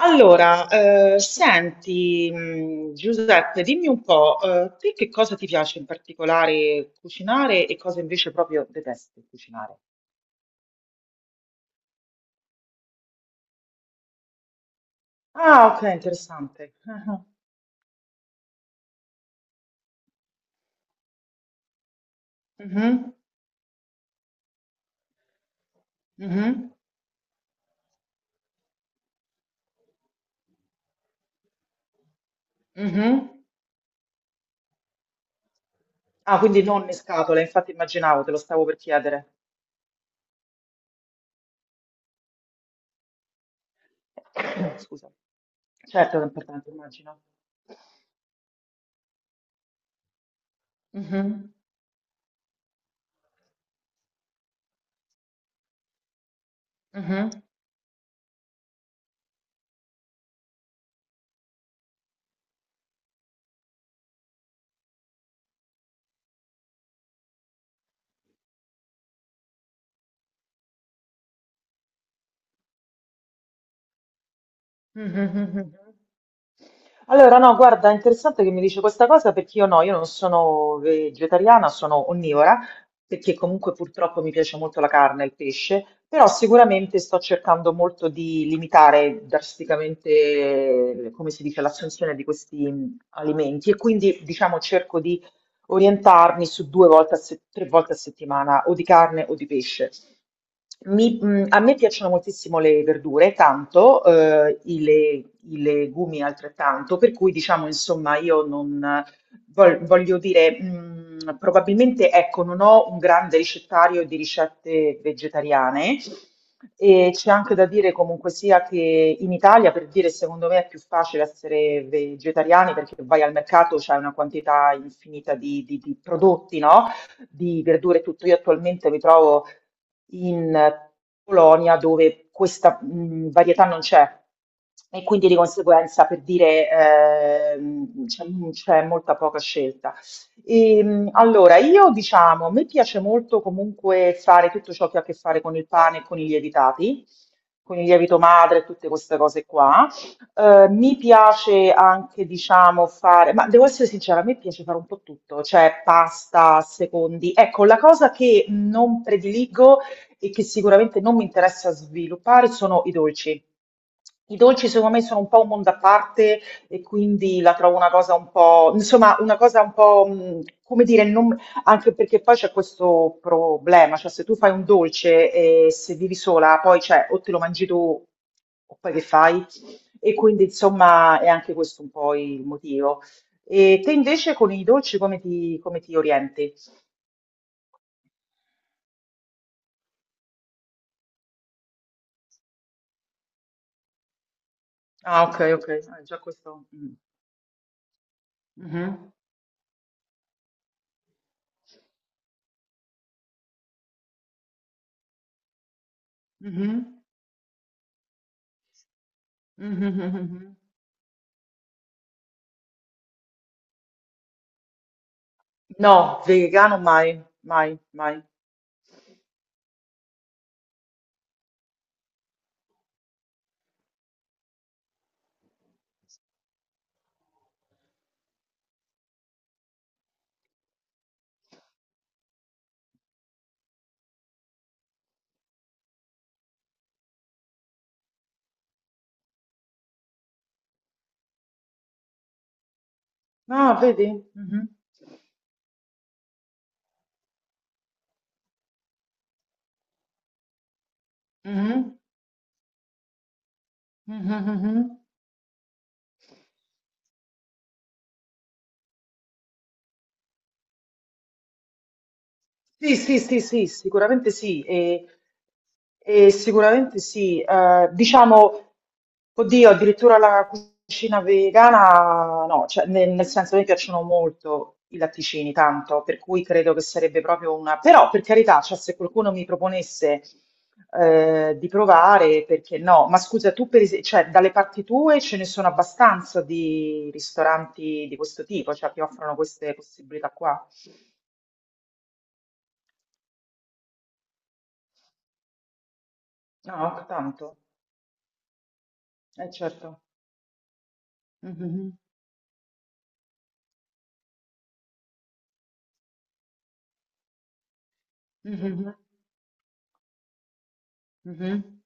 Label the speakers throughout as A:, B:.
A: Allora, senti, Giuseppe, dimmi un po', te che cosa ti piace in particolare cucinare e cosa invece proprio detesti cucinare? Ah, ok, interessante. Ah, ah. Mhm, mhm, mhm. Ah, quindi non in scatola, infatti immaginavo, te lo stavo per chiedere. Scusa. Certo, che è importante, immagino. Mhm, mhm. Mhm, mhm, mhm. Allora, no, guarda, è interessante che mi dice questa cosa perché io no, io non sono vegetariana, sono onnivora, perché comunque purtroppo mi piace molto la carne e il pesce, però sicuramente sto cercando molto di limitare drasticamente, come si dice, l'assunzione di questi alimenti e quindi diciamo cerco di orientarmi su due volte a se- tre volte a settimana o di carne o di pesce. A me piacciono moltissimo le verdure, tanto, i legumi altrettanto, per cui diciamo, insomma, io non voglio dire, probabilmente, ecco, non ho un grande ricettario di ricette vegetariane e c'è anche da dire comunque sia che in Italia, per dire, secondo me è più facile essere vegetariani perché vai al mercato, c'è una quantità infinita di prodotti, no? Di verdure e tutto. Io attualmente mi trovo in Polonia dove questa varietà non c'è e quindi di conseguenza per dire c'è molta poca scelta. Allora, io diciamo, a me piace molto comunque fare tutto ciò che ha a che fare con il pane e con i lievitati, con il lievito madre e tutte queste cose qua. Mi piace anche, diciamo, fare, ma devo essere sincera, a me piace fare un po' tutto, cioè pasta, secondi. Ecco, la cosa che non prediligo e che sicuramente non mi interessa sviluppare sono i dolci. I dolci secondo me sono un po' un mondo a parte e quindi la trovo una cosa un po', insomma, una cosa un po', come dire, anche perché poi c'è questo problema, cioè se tu fai un dolce e se vivi sola, poi cioè, o te lo mangi tu o poi che fai? E quindi insomma è anche questo un po' il motivo. E te invece con i dolci come ti orienti? Ah, ok, ok, ah, già questo. Mm. Mhm, mhm, mhm, mhm, mhm. No, vegano mai, mai, mai. No, vedi? Mhm, mhm, mhm, mhm. Sì, sì, sì, sì, sicuramente sì, e sicuramente sì. Diciamo, oddio, addirittura la cucina vegana, no, cioè, nel senso mi piacciono molto i latticini, tanto, per cui credo che sarebbe proprio una. Però, per carità, cioè, se qualcuno mi proponesse di provare, perché no? Ma scusa, tu per esempio, cioè, dalle parti tue ce ne sono abbastanza di ristoranti di questo tipo, cioè, che offrono queste possibilità qua? No, tanto. Eh certo. Mhm, mhm, mhm,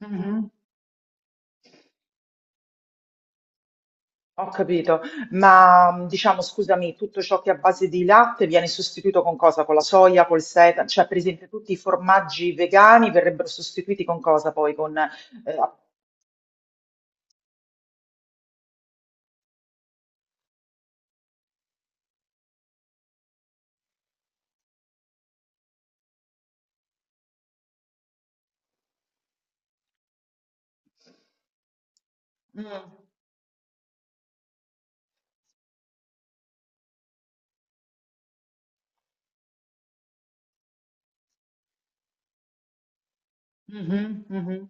A: mhm. Ho capito, ma diciamo, scusami, tutto ciò che è a base di latte viene sostituito con cosa? Con la soia, col seta? Cioè, per esempio, tutti i formaggi vegani verrebbero sostituiti con cosa poi? Con. Mm, mhm, mhm,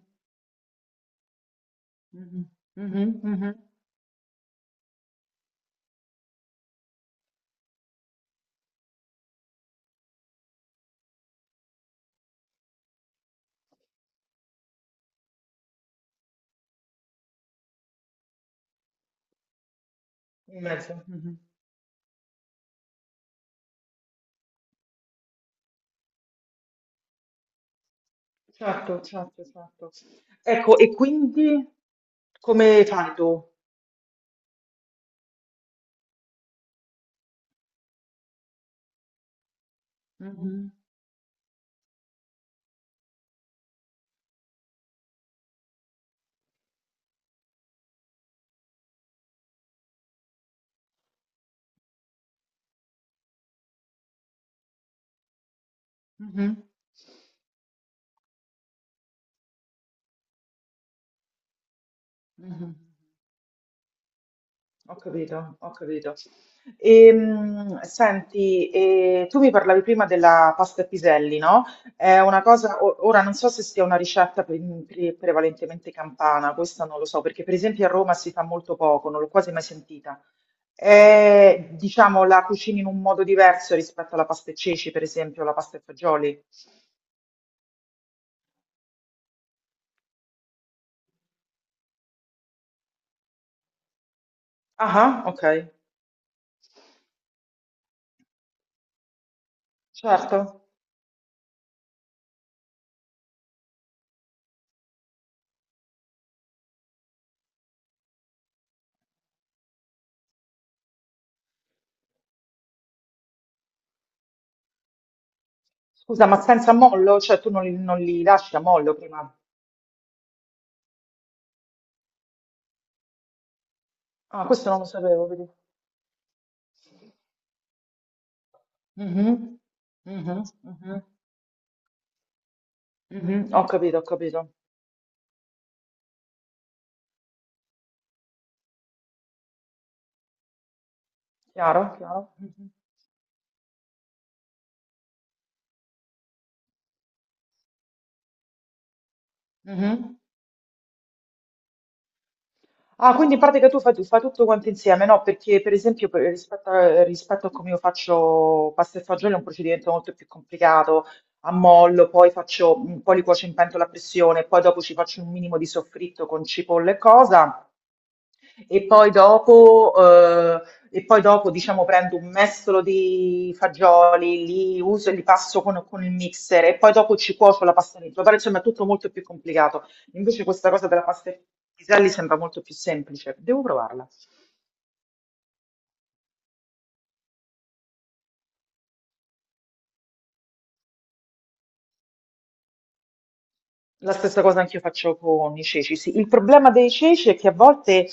A: mhm, mhm, mhm. In mezzo. Mhm. Certo, certo, certo. Ecco, e quindi come fai tu? Mhm, mhm, mhm. Ho capito, ho capito. Senti, tu mi parlavi prima della pasta e piselli, no? È una cosa, ora non so se sia una ricetta prevalentemente campana, questa non lo so, perché per esempio a Roma si fa molto poco, non l'ho quasi mai sentita. È, diciamo, la cucini in un modo diverso rispetto alla pasta e ceci, per esempio, la pasta e fagioli. Ah, ah, ok, certo. Scusa, ma senza mollo? Cioè tu non li lasci a mollo prima? Ah, questo non lo sapevo. Mhm, mhm, mhm, mhm. Ho capito, ho capito. Chiaro, chiaro. Mhm, mhm. Ah, quindi in pratica tu fai tutto quanto insieme, no? Perché per esempio rispetto a come io faccio pasta e fagioli è un procedimento molto più complicato, ammollo, poi faccio, poi li cuocio in pentola a pressione, poi dopo ci faccio un minimo di soffritto con cipolla e cosa. E poi dopo, ehm, e poi dopo diciamo prendo un mestolo di fagioli, li uso e li passo con il mixer e poi dopo ci cuocio la pasta dentro, però insomma è tutto molto più complicato. Invece questa cosa della pasta ai piselli sembra molto più semplice, devo provarla. La stessa cosa anch'io faccio con i ceci, sì. Il problema dei ceci è che a volte,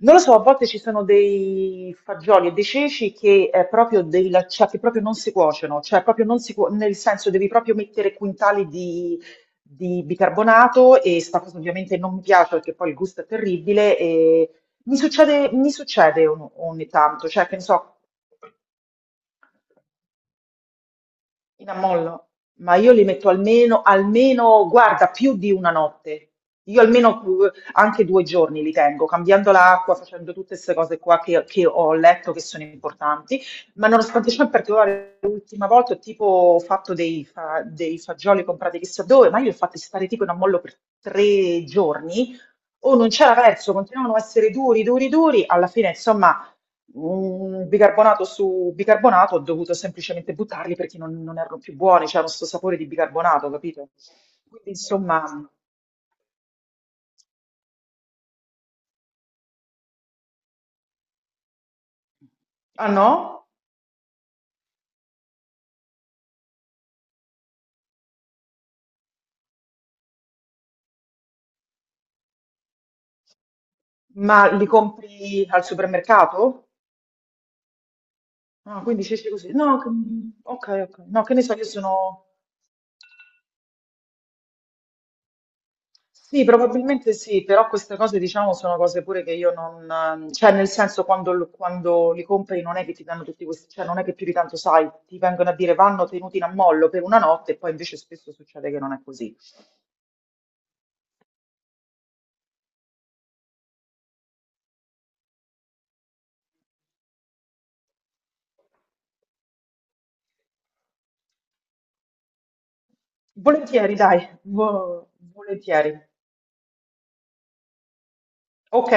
A: non lo so, a volte ci sono dei fagioli e dei ceci che, è proprio cioè, che proprio non si cuociono, cioè proprio non si cuo- nel senso devi proprio mettere quintali di bicarbonato e sta cosa ovviamente non mi piace perché poi il gusto è terribile e mi succede ogni tanto, cioè che ne so. In ammollo, ma io li metto almeno, almeno, guarda, più di una notte. Io almeno anche due giorni li tengo, cambiando l'acqua, facendo tutte queste cose qua che ho letto che sono importanti. Ma nonostante ciò, in particolare, l'ultima volta ho tipo fatto dei fagioli comprati chissà dove, ma io li ho fatti stare tipo in ammollo per tre giorni. O non c'era verso, continuavano a essere duri, duri, duri. Alla fine, insomma, bicarbonato su bicarbonato, ho dovuto semplicemente buttarli perché non erano più buoni, c'era questo sapore di bicarbonato, capito? Quindi insomma, ah no? Ma li compri al supermercato? Ah, quindi c'è così. No, ok, ok. No, che ne so, io sono. Sì, probabilmente sì, però queste cose diciamo sono cose pure che io non. Cioè nel senso quando li compri non è che ti danno tutti questi. Cioè non è che più di tanto sai, ti vengono a dire vanno tenuti in ammollo per una notte e poi invece spesso succede che non è così. Volentieri, dai, volentieri. Ok.